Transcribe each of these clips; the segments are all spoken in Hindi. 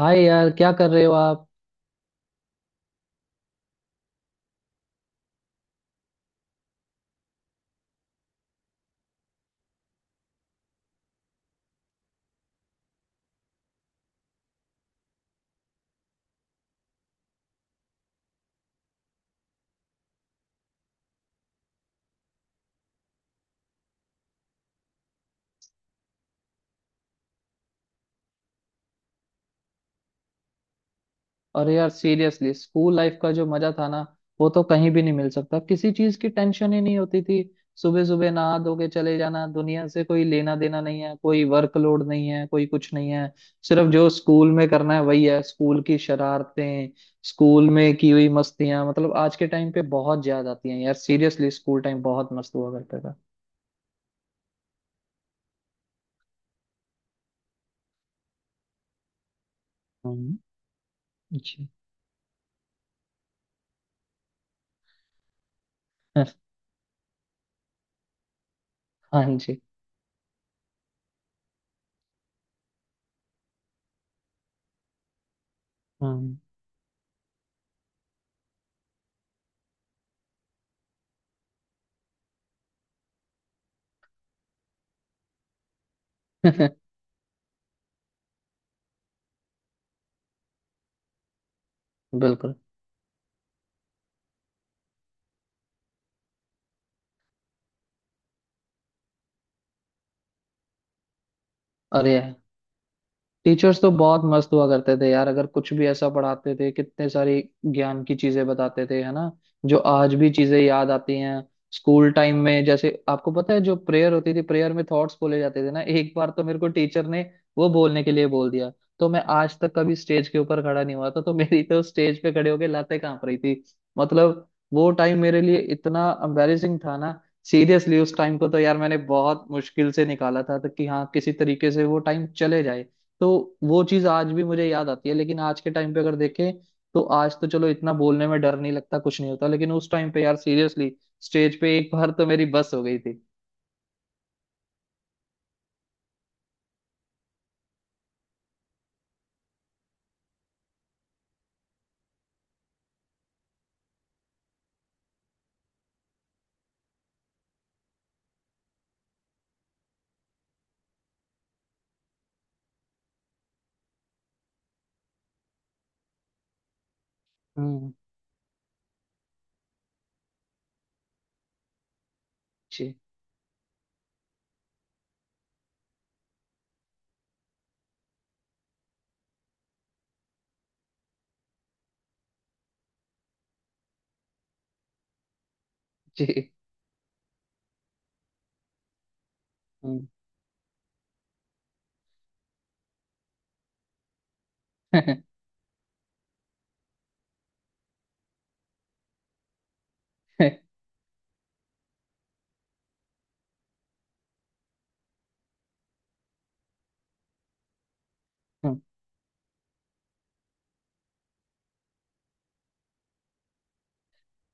हाय यार, क्या कर रहे हो आप। और यार सीरियसली स्कूल लाइफ का जो मजा था ना, वो तो कहीं भी नहीं मिल सकता। किसी चीज की टेंशन ही नहीं होती थी। सुबह सुबह नहा धो के चले जाना, दुनिया से कोई लेना देना नहीं है, कोई वर्कलोड नहीं है, कोई कुछ नहीं है। सिर्फ जो स्कूल में करना है वही है। स्कूल की शरारतें, स्कूल में की हुई मस्तियां, मतलब आज के टाइम पे बहुत याद आती हैं यार। सीरियसली स्कूल टाइम बहुत मस्त हुआ करता था। हाँ जी। हाँ। जी। हाँ। बिल्कुल। अरे यार, टीचर्स तो बहुत मस्त हुआ करते थे यार। अगर कुछ भी ऐसा पढ़ाते थे, कितने सारी ज्ञान की चीजें बताते थे, है ना। जो आज भी चीजें याद आती हैं। स्कूल टाइम में जैसे आपको पता है, जो प्रेयर होती थी, प्रेयर में थॉट्स बोले जाते थे ना, एक बार तो मेरे को टीचर ने वो बोलने के लिए बोल दिया। तो मैं आज तक कभी स्टेज के ऊपर खड़ा नहीं हुआ था, तो मेरी तो स्टेज पे खड़े होके लातें कांप रही थी। मतलब वो टाइम मेरे लिए इतना एम्बेरेसिंग था ना। सीरियसली उस टाइम को तो यार मैंने बहुत मुश्किल से निकाला था, तो कि हाँ किसी तरीके से वो टाइम चले जाए। तो वो चीज आज भी मुझे याद आती है। लेकिन आज के टाइम पे अगर देखें, तो आज तो चलो इतना बोलने में डर नहीं लगता, कुछ नहीं होता। लेकिन उस टाइम पे यार सीरियसली स्टेज पे एक बार तो मेरी बस हो गई थी। हम्म। जी। जी। हम्म।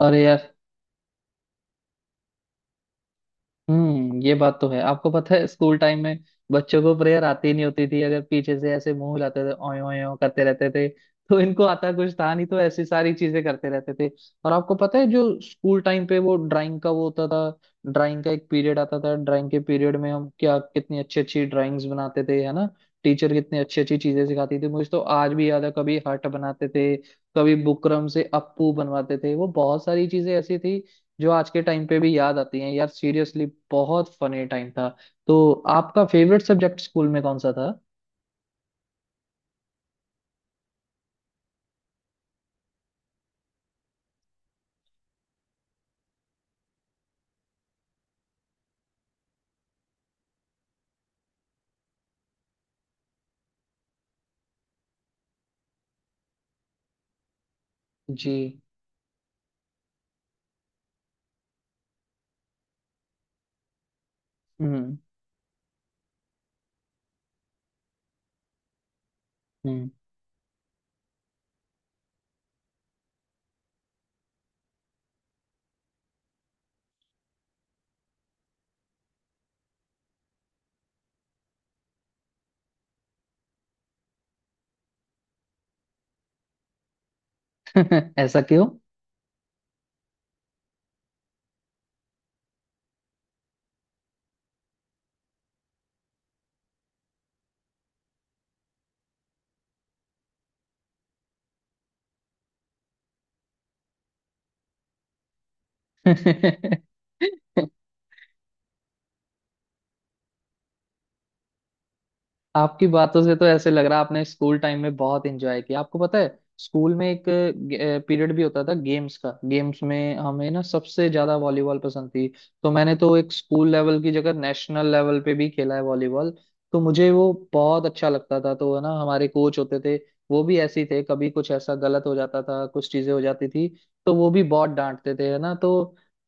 अरे यार। हम्म, ये बात तो है। आपको पता है स्कूल टाइम में बच्चों को प्रेयर आती नहीं होती थी, अगर पीछे से ऐसे मुंह हिलाते थे, ओए ओए ओए करते रहते थे। तो इनको आता कुछ था नहीं, तो ऐसी सारी चीजें करते रहते थे। और आपको पता है, जो स्कूल टाइम पे वो ड्राइंग का वो होता था, ड्राइंग का एक पीरियड आता था। ड्राइंग के पीरियड में हम क्या कितनी अच्छी अच्छी ड्राइंग्स बनाते थे, है ना। टीचर कितनी अच्छी अच्छी चीजें सिखाती थी। मुझे तो आज भी याद है, कभी हट बनाते थे, कभी बुकरम से अप्पू बनवाते थे। वो बहुत सारी चीजें ऐसी थी जो आज के टाइम पे भी याद आती हैं यार। सीरियसली बहुत फनी टाइम था। तो आपका फेवरेट सब्जेक्ट स्कूल में कौन सा था। जी। हम्म। हम्म। ऐसा क्यों। आपकी बातों से तो ऐसे लग रहा है आपने स्कूल टाइम में बहुत एंजॉय किया। आपको पता है स्कूल में एक पीरियड भी होता था गेम्स का। गेम्स में हमें ना सबसे ज्यादा वॉलीबॉल पसंद थी। तो मैंने तो एक स्कूल लेवल की जगह नेशनल लेवल पे भी खेला है वॉलीबॉल। तो मुझे वो बहुत अच्छा लगता था। तो है ना, हमारे कोच होते थे, वो भी ऐसे ही थे। कभी कुछ ऐसा गलत हो जाता था, कुछ चीजें हो जाती थी, तो वो भी बहुत डांटते थे, है ना। तो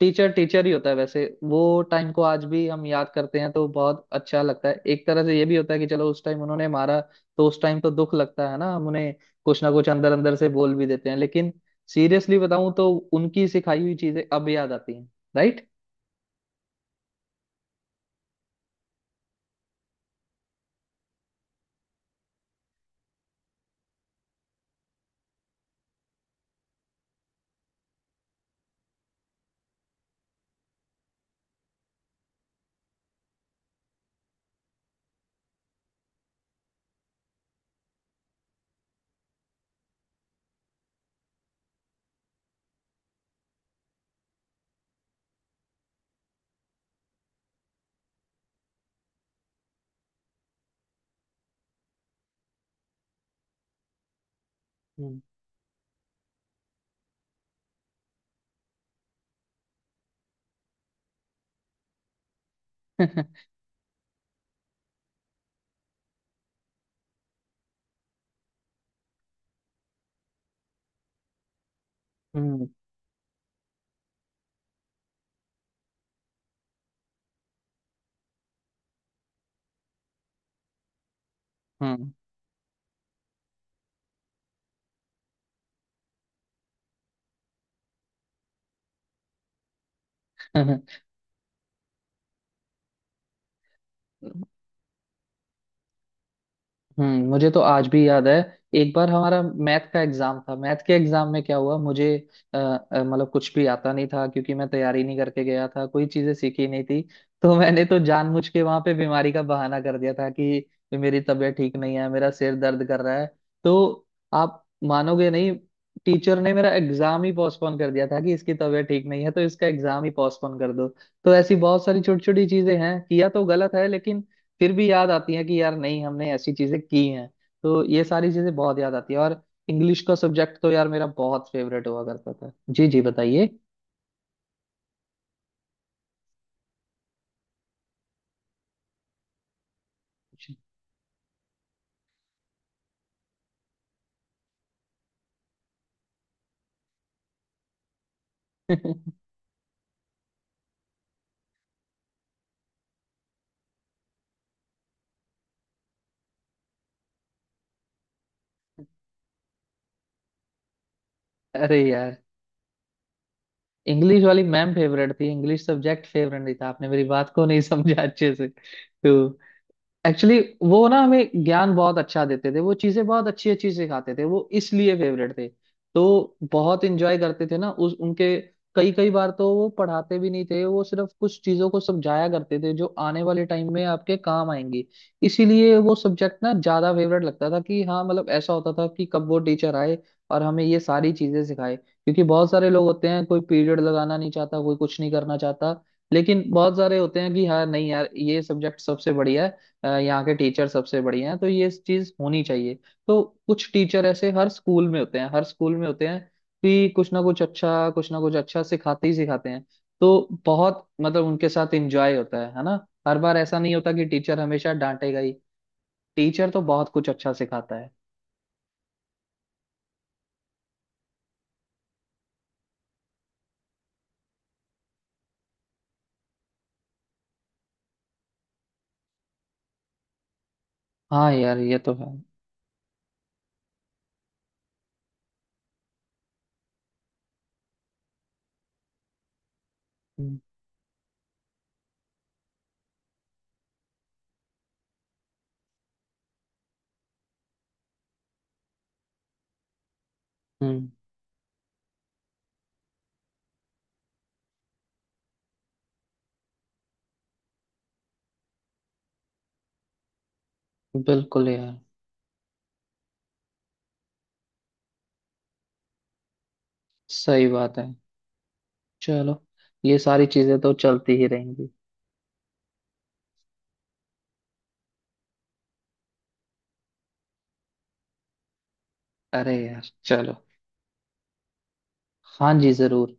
टीचर टीचर ही होता है वैसे। वो टाइम को आज भी हम याद करते हैं, तो बहुत अच्छा लगता है। एक तरह से ये भी होता है कि चलो उस टाइम उन्होंने मारा, तो उस टाइम तो दुख लगता है ना, हम उन्हें कुछ ना कुछ अंदर अंदर से बोल भी देते हैं। लेकिन सीरियसली बताऊं तो उनकी सिखाई हुई चीजें अब याद आती हैं। राइट। हम्म। हम्म। हम्म। हम्म, मुझे तो आज भी याद है, एक बार हमारा मैथ का एग्जाम था। मैथ के एग्जाम में क्या हुआ, मुझे मतलब कुछ भी आता नहीं था, क्योंकि मैं तैयारी नहीं करके गया था, कोई चीजें सीखी नहीं थी। तो मैंने तो जानबूझ के वहां पे बीमारी का बहाना कर दिया था कि मेरी तबीयत ठीक नहीं है, मेरा सिर दर्द कर रहा है। तो आप मानोगे नहीं, टीचर ने मेरा एग्जाम ही पोस्टपोन कर दिया था कि इसकी तबीयत ठीक नहीं है, तो इसका एग्जाम ही पोस्टपोन कर दो। तो ऐसी बहुत सारी छोटी छोटी चीजें हैं, किया तो गलत है, लेकिन फिर भी याद आती है कि यार नहीं, हमने ऐसी चीजें की हैं। तो ये सारी चीजें बहुत याद आती है। और इंग्लिश का सब्जेक्ट तो यार मेरा बहुत फेवरेट हुआ करता था। जी जी, बताइए। जी। अरे यार, इंग्लिश वाली मैम फेवरेट थी, इंग्लिश सब्जेक्ट फेवरेट नहीं था। आपने मेरी बात को नहीं समझा अच्छे से। तो एक्चुअली वो ना हमें ज्ञान बहुत अच्छा देते थे, वो चीजें बहुत अच्छी अच्छी सिखाते थे, वो इसलिए फेवरेट थे। तो बहुत इंजॉय करते थे ना उस उनके। कई कई बार तो वो पढ़ाते भी नहीं थे, वो सिर्फ कुछ चीजों को समझाया करते थे जो आने वाले टाइम में आपके काम आएंगी। इसीलिए वो सब्जेक्ट ना ज्यादा फेवरेट लगता था कि हाँ मतलब ऐसा होता था कि कब वो टीचर आए और हमें ये सारी चीजें सिखाए। क्योंकि बहुत सारे लोग होते हैं, कोई पीरियड लगाना नहीं चाहता, कोई कुछ नहीं करना चाहता। लेकिन बहुत सारे होते हैं कि हाँ नहीं यार, ये सब्जेक्ट सबसे बढ़िया है, यहाँ के टीचर सबसे बढ़िया हैं, तो ये चीज होनी चाहिए। तो कुछ टीचर ऐसे हर स्कूल में होते हैं, हर स्कूल में होते हैं कि कुछ ना कुछ अच्छा, कुछ ना कुछ अच्छा सिखाते ही सिखाते हैं। तो बहुत मतलब उनके साथ एंजॉय होता है ना। हर बार ऐसा नहीं होता कि टीचर हमेशा डांटेगा ही। टीचर तो बहुत कुछ अच्छा सिखाता है। हाँ यार, ये तो है। हम्म हम्म, बिल्कुल यार। सही बात है। चलो, ये सारी चीजें तो चलती ही रहेंगी। अरे यार चलो। हाँ जी, जरूर।